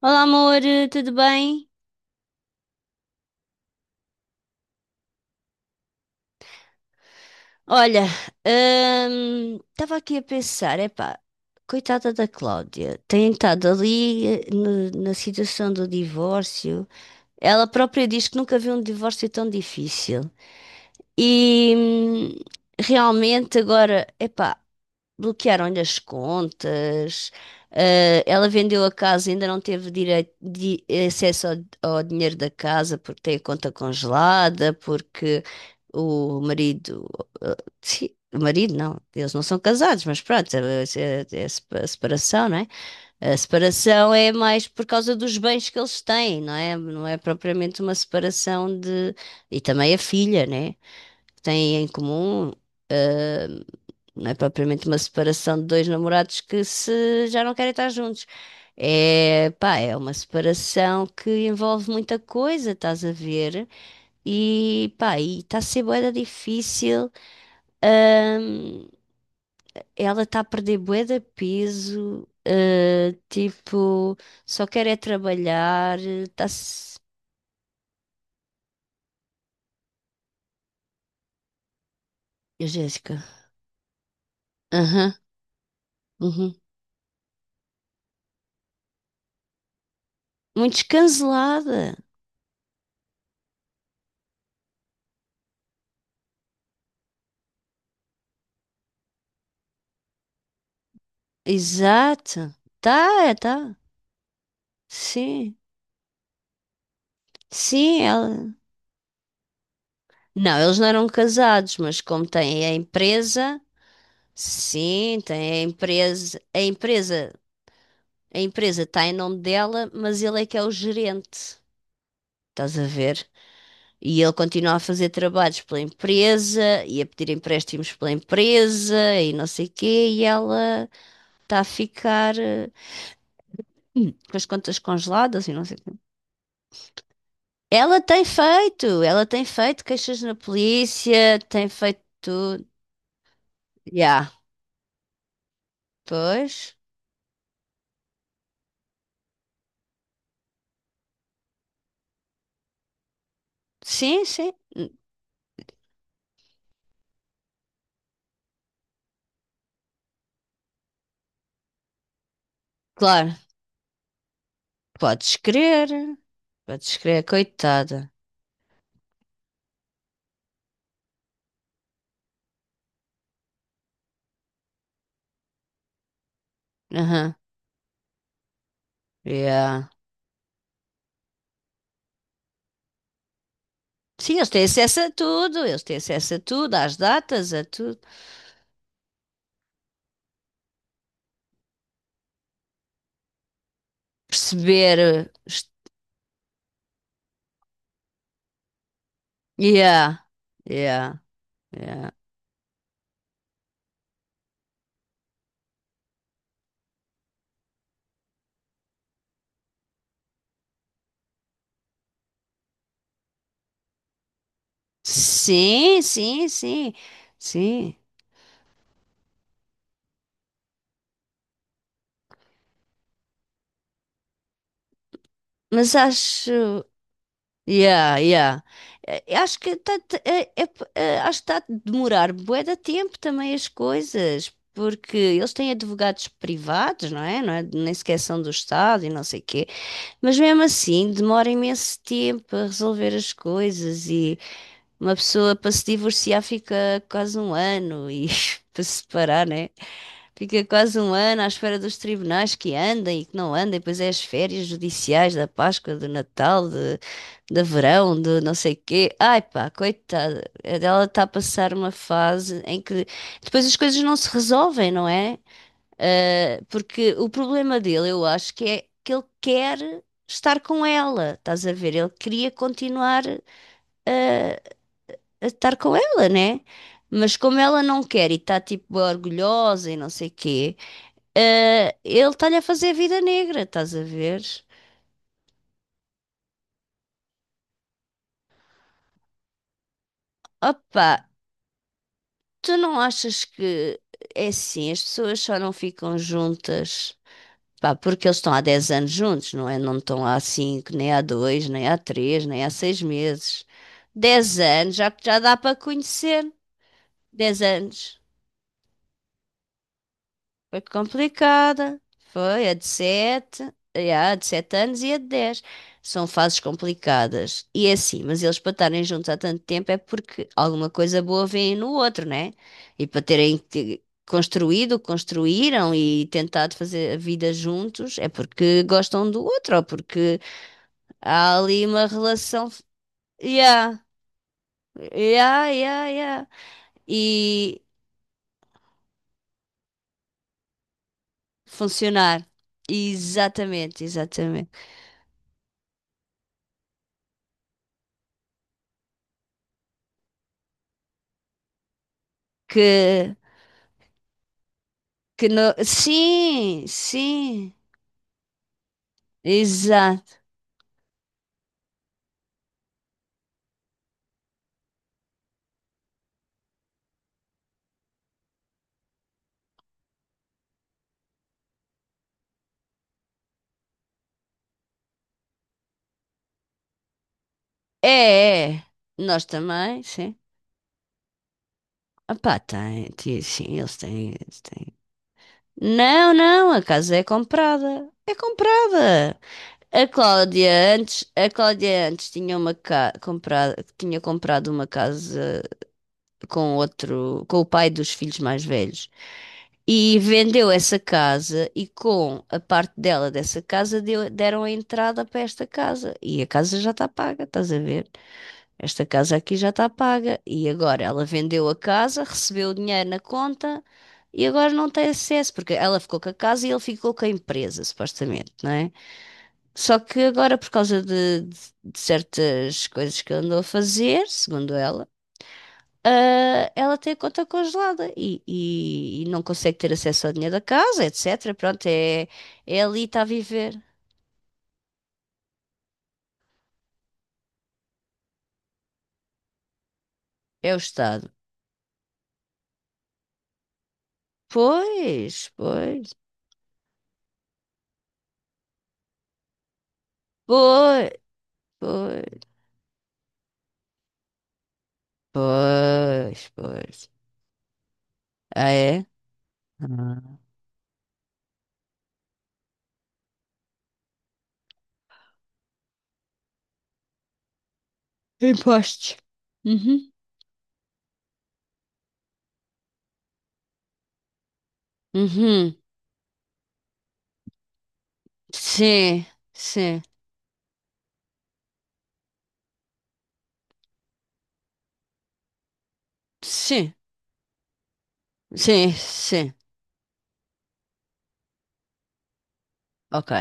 Olá, amor, tudo bem? Olha, estava aqui a pensar, epá, coitada da Cláudia, tem estado ali na situação do divórcio. Ela própria diz que nunca viu um divórcio tão difícil. E realmente agora, epá, bloquearam-lhe as contas, ela vendeu a casa, ainda não teve direito de acesso ao dinheiro da casa porque tem a conta congelada, porque o marido, eh, sim, o marido não, eles não são casados, mas pronto, é a separação, não é? A separação é mais por causa dos bens que eles têm, não é? Não é propriamente uma separação de. E também a filha, né? Que têm em comum. eh, não é propriamente uma separação de dois namorados que se já não querem estar juntos. É, pá, é uma separação que envolve muita coisa, estás a ver? E, pá, e está a ser bué da difícil. Ahm, ela está a perder bué de peso. Ah, tipo, só quer é trabalhar. Está-se... Eu, Jéssica. Aham, uhum. Muito descancelada. Exato. Tá, é, tá. Sim. Sim, ela. Não, eles não eram casados, mas como têm a empresa, sim, tem a empresa, a empresa está em nome dela, mas ele é que é o gerente, estás a ver? E ele continua a fazer trabalhos pela empresa e a pedir empréstimos pela empresa e não sei quê, e ela está a ficar com as contas congeladas e não sei o quê. Ela tem feito queixas na polícia, tem feito tudo. Já, pois. Sim, sim. Claro, podes crer, podes crer, coitada. Aham, yeah. Sim, eles têm acesso a tudo, eles têm acesso a tudo, às datas, a tudo. Perceber. Yeah, yeah, yeah. Sim, sim, sim, sim. Mas acho. Yeah, yeah. Eh, Acho que está acho que tá a demorar bué de tempo também as coisas, porque eles têm advogados privados, não é? Não é? Nem sequer são do Estado e não sei quê. Mas mesmo assim, demora imenso tempo a resolver as coisas e uma pessoa para se divorciar fica quase um ano e para se separar, né? Fica quase um ano à espera dos tribunais que andem e que não andem, pois é as férias judiciais da Páscoa, do Natal, de verão, de não sei quê. Ai pá, coitada, ela está a passar uma fase em que depois as coisas não se resolvem, não é? Ah, porque o problema dele, eu acho que é que ele quer estar com ela, estás a ver? Ele queria continuar ah, a estar com ela, né? Mas como ela não quer e está tipo orgulhosa e não sei quê. Ele está-lhe a fazer vida negra, estás a ver? Opa, tu não achas que é assim, as pessoas só não ficam juntas, pá, porque eles estão há 10 anos juntos, não é? Não estão há 5, nem há 2, nem há 3, nem há 6 meses. 10 anos já, já dá para conhecer. Dez anos. Foi complicada. Foi a de sete anos e a de dez. São fases complicadas. E é assim, mas eles para estarem juntos há tanto tempo é porque alguma coisa boa vem no outro, né? E para terem te- construído, o que construíram e tentado fazer a vida juntos é porque gostam do outro, ou porque há ali uma relação. Yeah, yeah, yeah, yeah. E funcionar. Exatamente, exatamente que Que no... Sim, sim, exato. É, é. Nós também, sim. Opá, tem, ti- sim, eles têm, eles têm. Não, não, a casa é comprada. É comprada. A Cláudia antes tinha uma ca... comprada, tinha comprado uma casa com outro, com o pai dos filhos mais velhos. E vendeu essa casa e com a parte dela dessa casa deram a entrada para esta casa. E a casa já está paga, estás a ver? Esta casa aqui já está paga. E agora ela vendeu a casa, recebeu o dinheiro na conta e agora não tem acesso, porque ela ficou com a casa e ele ficou com a empresa, supostamente, não é? Só que agora, por causa de certas coisas que ele andou a fazer, segundo ela, ela tem a conta congelada e não consegue ter acesso ao dinheiro da casa, etc. Pronto, é, é ali está a viver. É o Estado. Pois, pois, pois, pois, pois, pois. Ah, é? Ah. Impostos. Uhum. Uhum. Sim, sim, sim, sim, sim. Ok.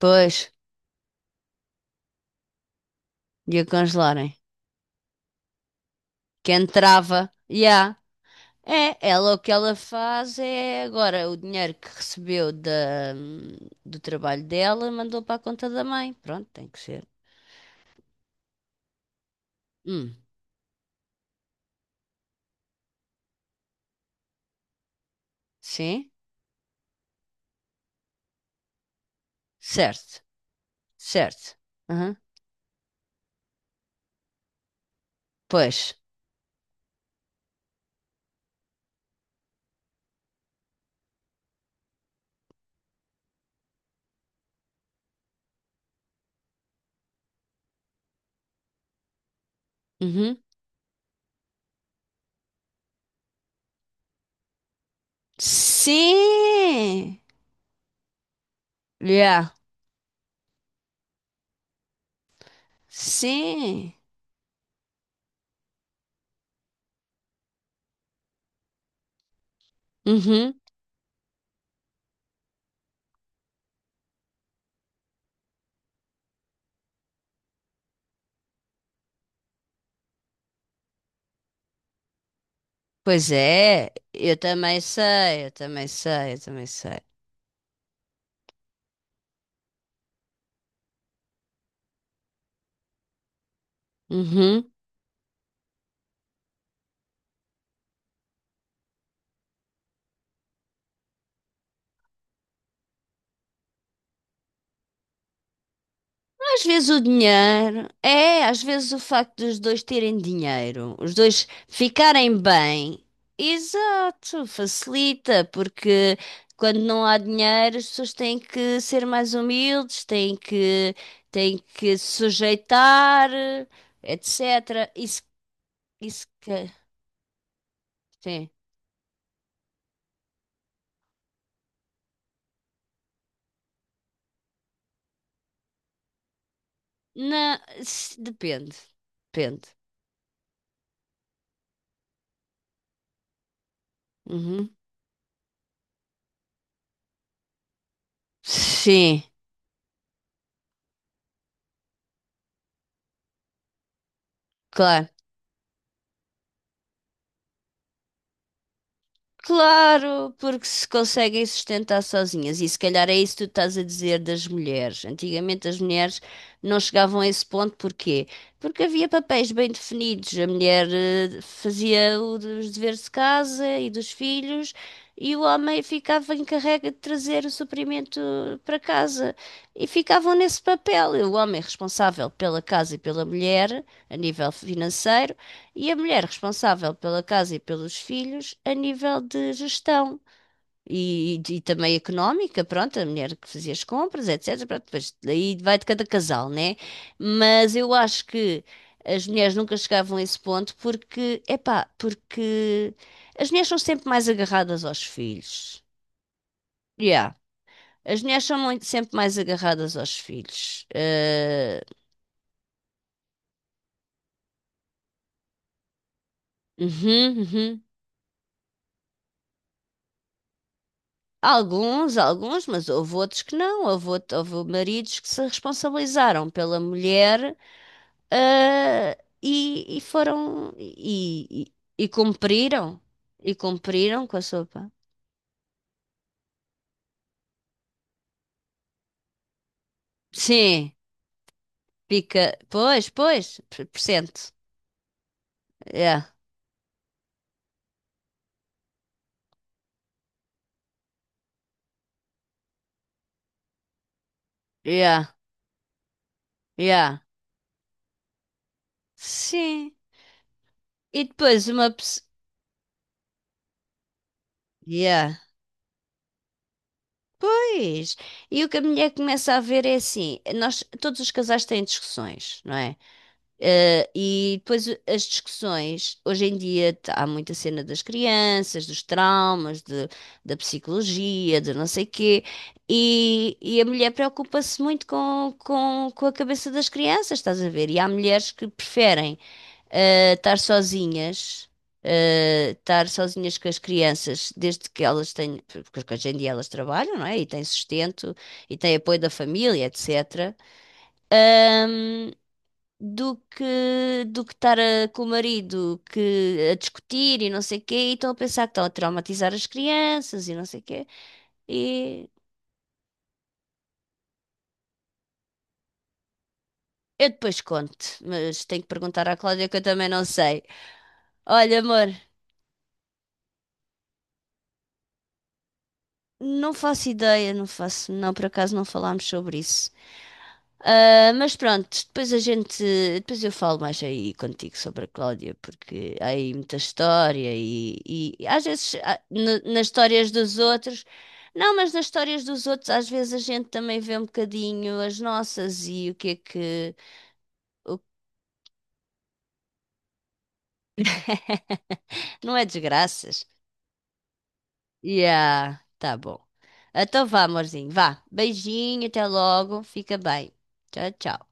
Pois, ia congelarem. Quem entrava, já. É, ela o que ela faz é agora o dinheiro que recebeu da, do trabalho dela mandou para a conta da mãe. Pronto, tem que ser. Hum, sim, certo, certo. Aham, pois. Uhum. Sim! Yeah. Sim! Uhum. Pois é, eu também sei, eu também sei, eu também sei. Uhum. Às vezes o dinheiro, é, às vezes o facto dos dois terem dinheiro, os dois ficarem bem, exato, facilita, porque quando não há dinheiro, as pessoas têm que ser mais humildes, têm que se sujeitar, etc. Isso que, sim. Na, se- depende, depende. Uhum. Sim, claro. Claro, porque se conseguem sustentar sozinhas. E se calhar é isso que tu estás a dizer das mulheres. Antigamente as mulheres não chegavam a esse ponto, porquê? Porque havia papéis bem definidos. A mulher fazia o dos deveres de casa e dos filhos, e o homem ficava encarregue de trazer o suprimento para casa. E ficavam nesse papel. O homem responsável pela casa e pela mulher, a nível financeiro, e a mulher responsável pela casa e pelos filhos a nível de gestão e também económica, pronto, a mulher que fazia as compras, etc. Pronto, depois daí vai de cada casal, né? Mas eu acho que as mulheres nunca chegavam a esse ponto porque, epá, porque as mulheres são sempre mais agarradas aos filhos. Yeah. As mulheres são muito- sempre mais agarradas aos filhos. Eh, uhum, uhum. Alguns, alguns, mas houve outros que não. Houve, out- houve maridos que se responsabilizaram pela mulher, ah, e foram e cumpriram e cumpriram com a sopa. Sim, pica. Pois, pois, per- percento. Yeah, yeah, yeah. Sim. E depois uma pessoa. Yeah. Pois. E o que a mulher começa a ver é assim: nós, todos os casais têm discussões, não é? E depois as discussões, hoje em dia t- há muita cena das crianças, dos traumas, da psicologia, de não sei quê, e a mulher preocupa-se muito com a cabeça das crianças, estás a ver? E há mulheres que preferem eh, estar sozinhas, estar sozinhas com as crianças, desde que elas têm, porque hoje em dia elas trabalham, não é? E têm sustento, e têm apoio da família, etc. Ahm, do que estar com o marido que a discutir e não sei o quê, e estão a pensar que estão a traumatizar as crianças e não sei o quê. E eu depois conto, mas tenho que perguntar à Cláudia que eu também não sei. Olha, amor, não faço ideia, não faço, não, por acaso não falámos sobre isso. Ah, mas pronto, depois eu falo mais aí contigo sobre a Cláudia, porque há aí muita história e às vezes nas histórias dos outros, não, mas nas histórias dos outros às vezes a gente também vê um bocadinho as nossas e o que é que, o que- não é desgraças. Yeah, tá bom. Então vá, amorzinho, vá. Beijinho, até logo, fica bem. Tchau, tchau.